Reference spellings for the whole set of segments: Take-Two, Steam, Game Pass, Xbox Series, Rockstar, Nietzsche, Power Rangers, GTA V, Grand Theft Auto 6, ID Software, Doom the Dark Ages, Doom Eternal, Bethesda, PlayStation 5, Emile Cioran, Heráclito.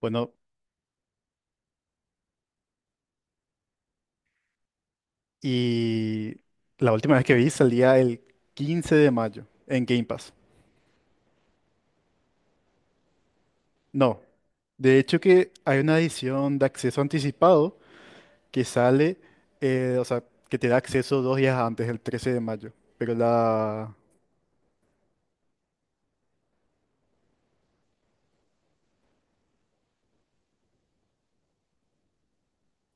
Bueno, y la última vez que vi salía el 15 de mayo en Game Pass. No, de hecho que hay una edición de acceso anticipado que sale, o sea, que te da acceso dos días antes, el 13 de mayo. Pero la...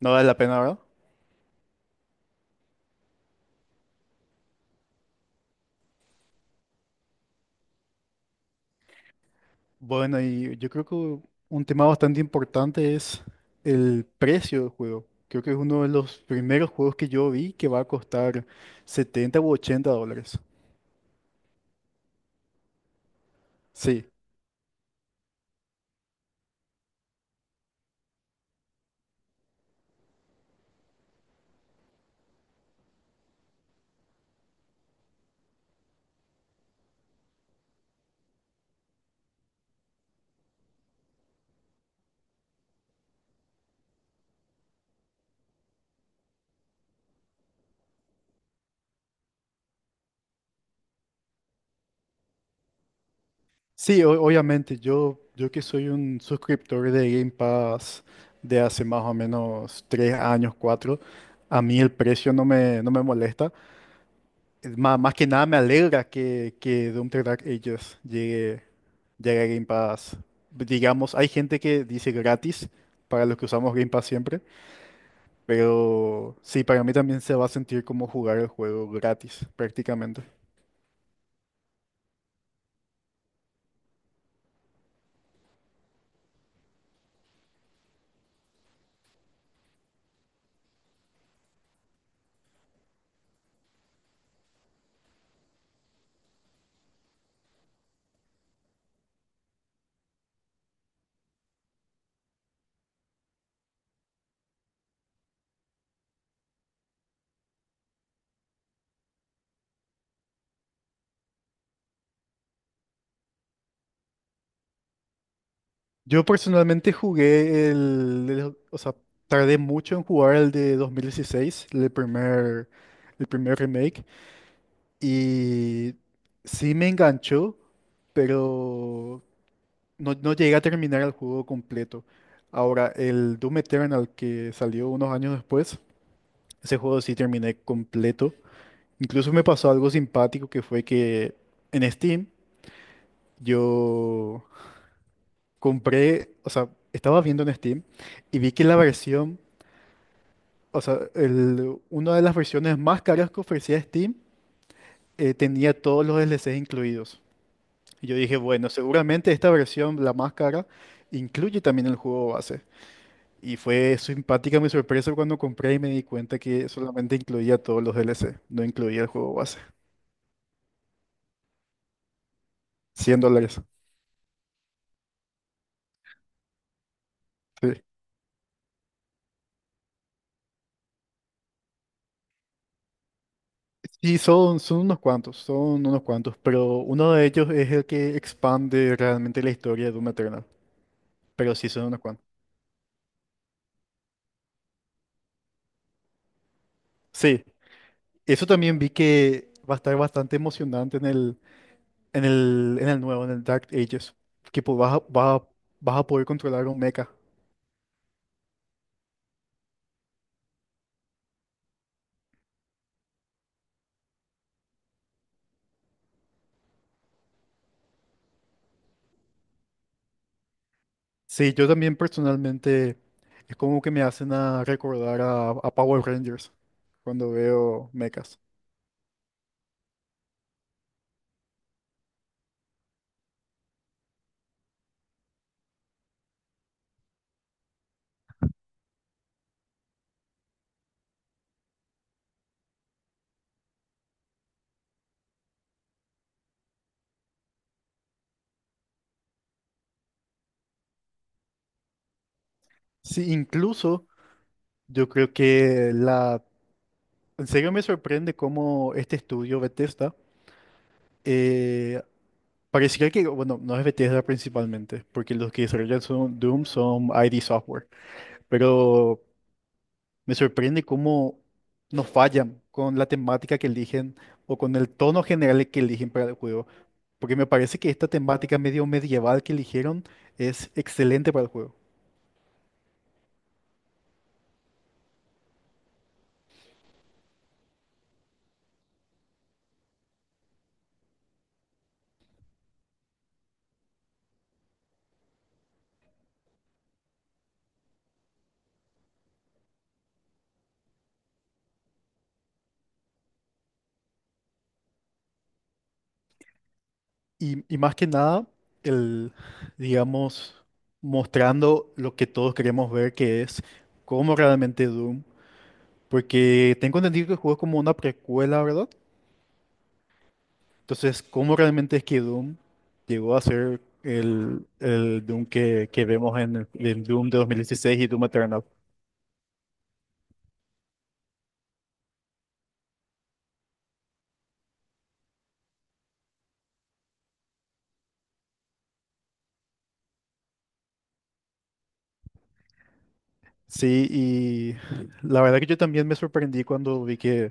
no vale la pena, ¿verdad? Bueno, y yo creo que un tema bastante importante es el precio del juego. Creo que es uno de los primeros juegos que yo vi que va a costar 70 u 80 dólares. Sí. Sí, obviamente, yo que soy un suscriptor de Game Pass de hace más o menos 3 años, 4, a mí el precio no me molesta. Más que nada me alegra que Doom the Dark Ages llegue a Game Pass. Digamos, hay gente que dice gratis para los que usamos Game Pass siempre, pero sí, para mí también se va a sentir como jugar el juego gratis prácticamente. Yo personalmente jugué o sea, tardé mucho en jugar el de 2016, el primer remake, y sí me enganchó, pero no llegué a terminar el juego completo. Ahora, el Doom Eternal que salió unos años después, ese juego sí terminé completo. Incluso me pasó algo simpático que fue que en Steam yo estaba viendo en Steam y vi que la versión o sea, una de las versiones más caras que ofrecía Steam tenía todos los DLCs incluidos. Y yo dije, bueno, seguramente esta versión, la más cara, incluye también el juego base. Y fue simpática mi sorpresa cuando compré y me di cuenta que solamente incluía todos los DLC, no incluía el juego base. ¿100 dólares? Sí. Sí, son unos cuantos, pero uno de ellos es el que expande realmente la historia de Doom Eternal. Pero sí son unos cuantos. Sí. Eso también vi que va a estar bastante emocionante en en el nuevo, en el Dark Ages, que vas a, vas a poder controlar un mecha. Sí, yo también personalmente es como que me hacen a recordar a Power Rangers cuando veo mechas. Sí, incluso yo creo que la... en serio me sorprende cómo este estudio Bethesda, eh, pareciera que, bueno, no es Bethesda principalmente, porque los que desarrollan son Doom son ID Software, pero me sorprende cómo nos fallan con la temática que eligen o con el tono general que eligen para el juego. Porque me parece que esta temática medio medieval que eligieron es excelente para el juego. Y más que nada, el, digamos, mostrando lo que todos queremos ver, que es cómo realmente Doom. Porque tengo entendido que el juego es como una precuela, ¿verdad? Entonces, ¿cómo realmente es que Doom llegó a ser el Doom que vemos en el Doom de 2016 y Doom Eternal? Sí, y la verdad que yo también me sorprendí cuando vi que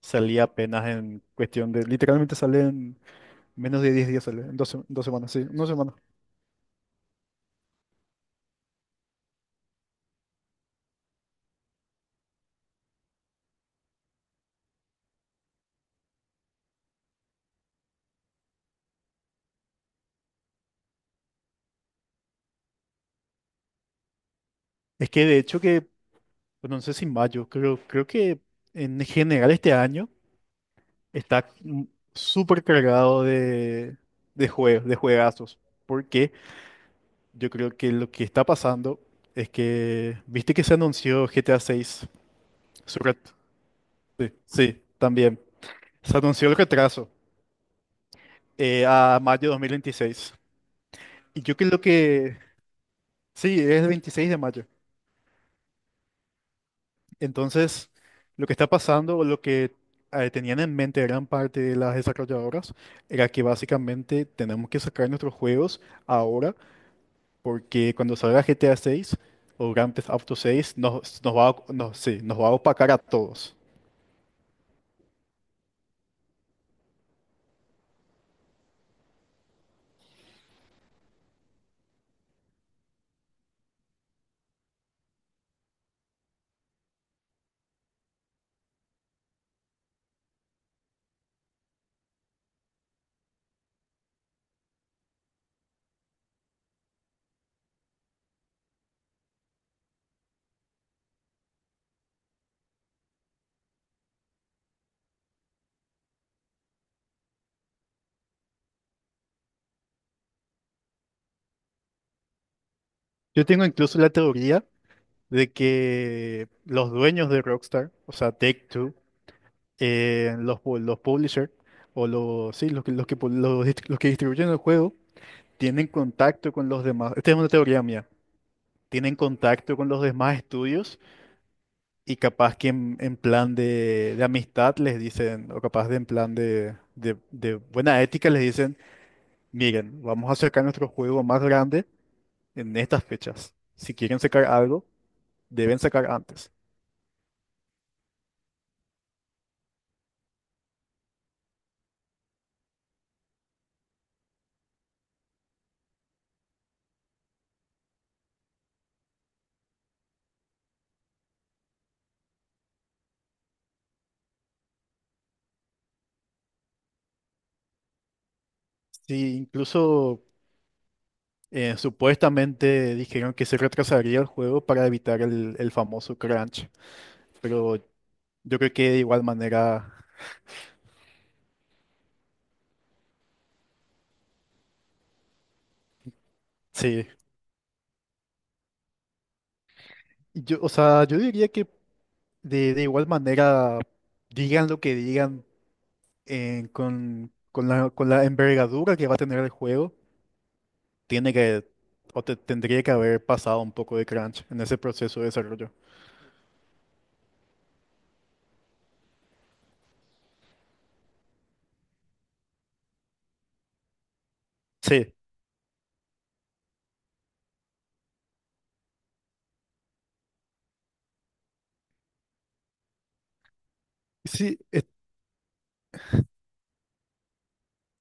salía apenas en cuestión de, literalmente sale en menos de 10 días, sale, 2 semanas, sí, en 2 semanas. Es que de hecho que, bueno, no sé si mayo, creo que en general este año está súper cargado de juegos, de juegazos. Porque yo creo que lo que está pasando es que, viste que se anunció GTA 6, sí, sí, también. Se anunció el retraso, a mayo de 2026. Y yo creo que, sí, es el 26 de mayo. Entonces, lo que está pasando, o lo que tenían en mente gran parte de las desarrolladoras, era que básicamente tenemos que sacar nuestros juegos ahora, porque cuando salga GTA 6 o Grand Theft Auto 6, nos, nos va, a- nos, sí, nos va a opacar a todos. Yo tengo incluso la teoría de que los dueños de Rockstar, o sea, Take-Two, los publishers, sí, los que los que distribuyen el juego, tienen contacto con los demás. Esta es una teoría mía. Tienen contacto con los demás estudios y capaz que en plan de amistad les dicen, o capaz de en plan de buena ética les dicen, miren, vamos a sacar nuestro juego más grande en estas fechas. Si quieren sacar algo, deben sacar antes. Sí, incluso supuestamente dijeron que se retrasaría el juego para evitar el famoso crunch, pero yo creo que de igual manera, sí. Y yo diría que de igual manera, digan lo que digan con la envergadura que va a tener el juego, tiene que, o te- tendría que haber pasado un poco de crunch en ese proceso de desarrollo. Sí, sí,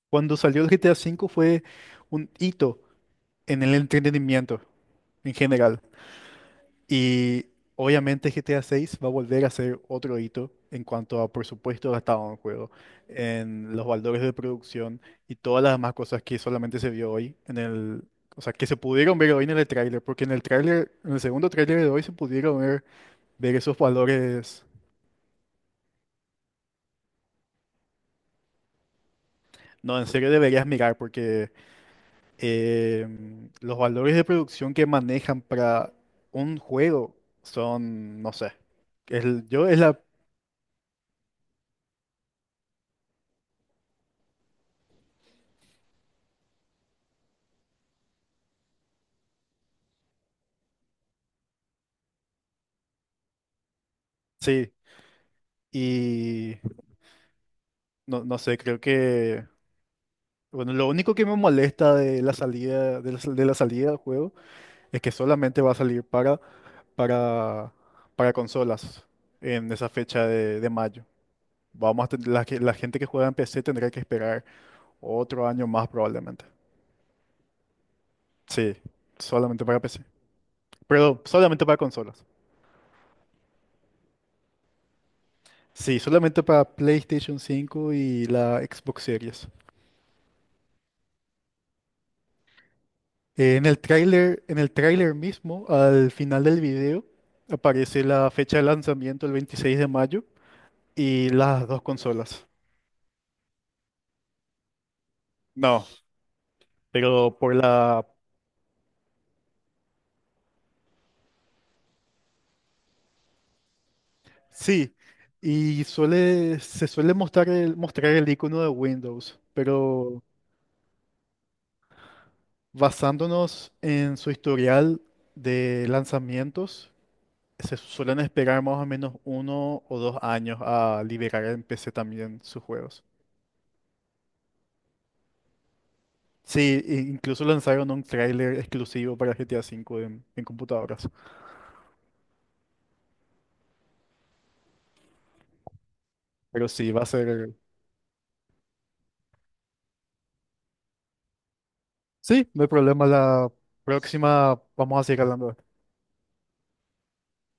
cuando salió el GTA V fue un hito en el entretenimiento en general. Y obviamente GTA 6 va a volver a ser otro hito en cuanto a presupuesto gastado en el juego, en los valores de producción y todas las demás cosas que solamente se vio hoy en el, o sea, que se pudieron ver hoy en el tráiler, porque en el segundo tráiler de hoy se pudieron ver esos valores. No, en serio deberías mirar porque los valores de producción que manejan para un juego son, no sé, el, yo es la, sí. Y no sé, creo que... Bueno, lo único que me molesta de la salida, de la salida del juego es que solamente va a salir para, para consolas en esa fecha de mayo. Vamos a tener, la gente que juega en PC tendrá que esperar otro año más probablemente. Sí, solamente para PC. Pero solamente para consolas. Sí, solamente para PlayStation 5 y la Xbox Series. En en el tráiler mismo, al final del video, aparece la fecha de lanzamiento el 26 de mayo y las dos consolas. No, pero por la... sí, y se suele mostrar mostrar el icono de Windows, pero basándonos en su historial de lanzamientos, se suelen esperar más o menos 1 o 2 años a liberar en PC también sus juegos. Sí, e incluso lanzaron un tráiler exclusivo para GTA V en computadoras. Pero sí, va a ser... Sí, no hay problema. La próxima vamos a seguir hablando de esto.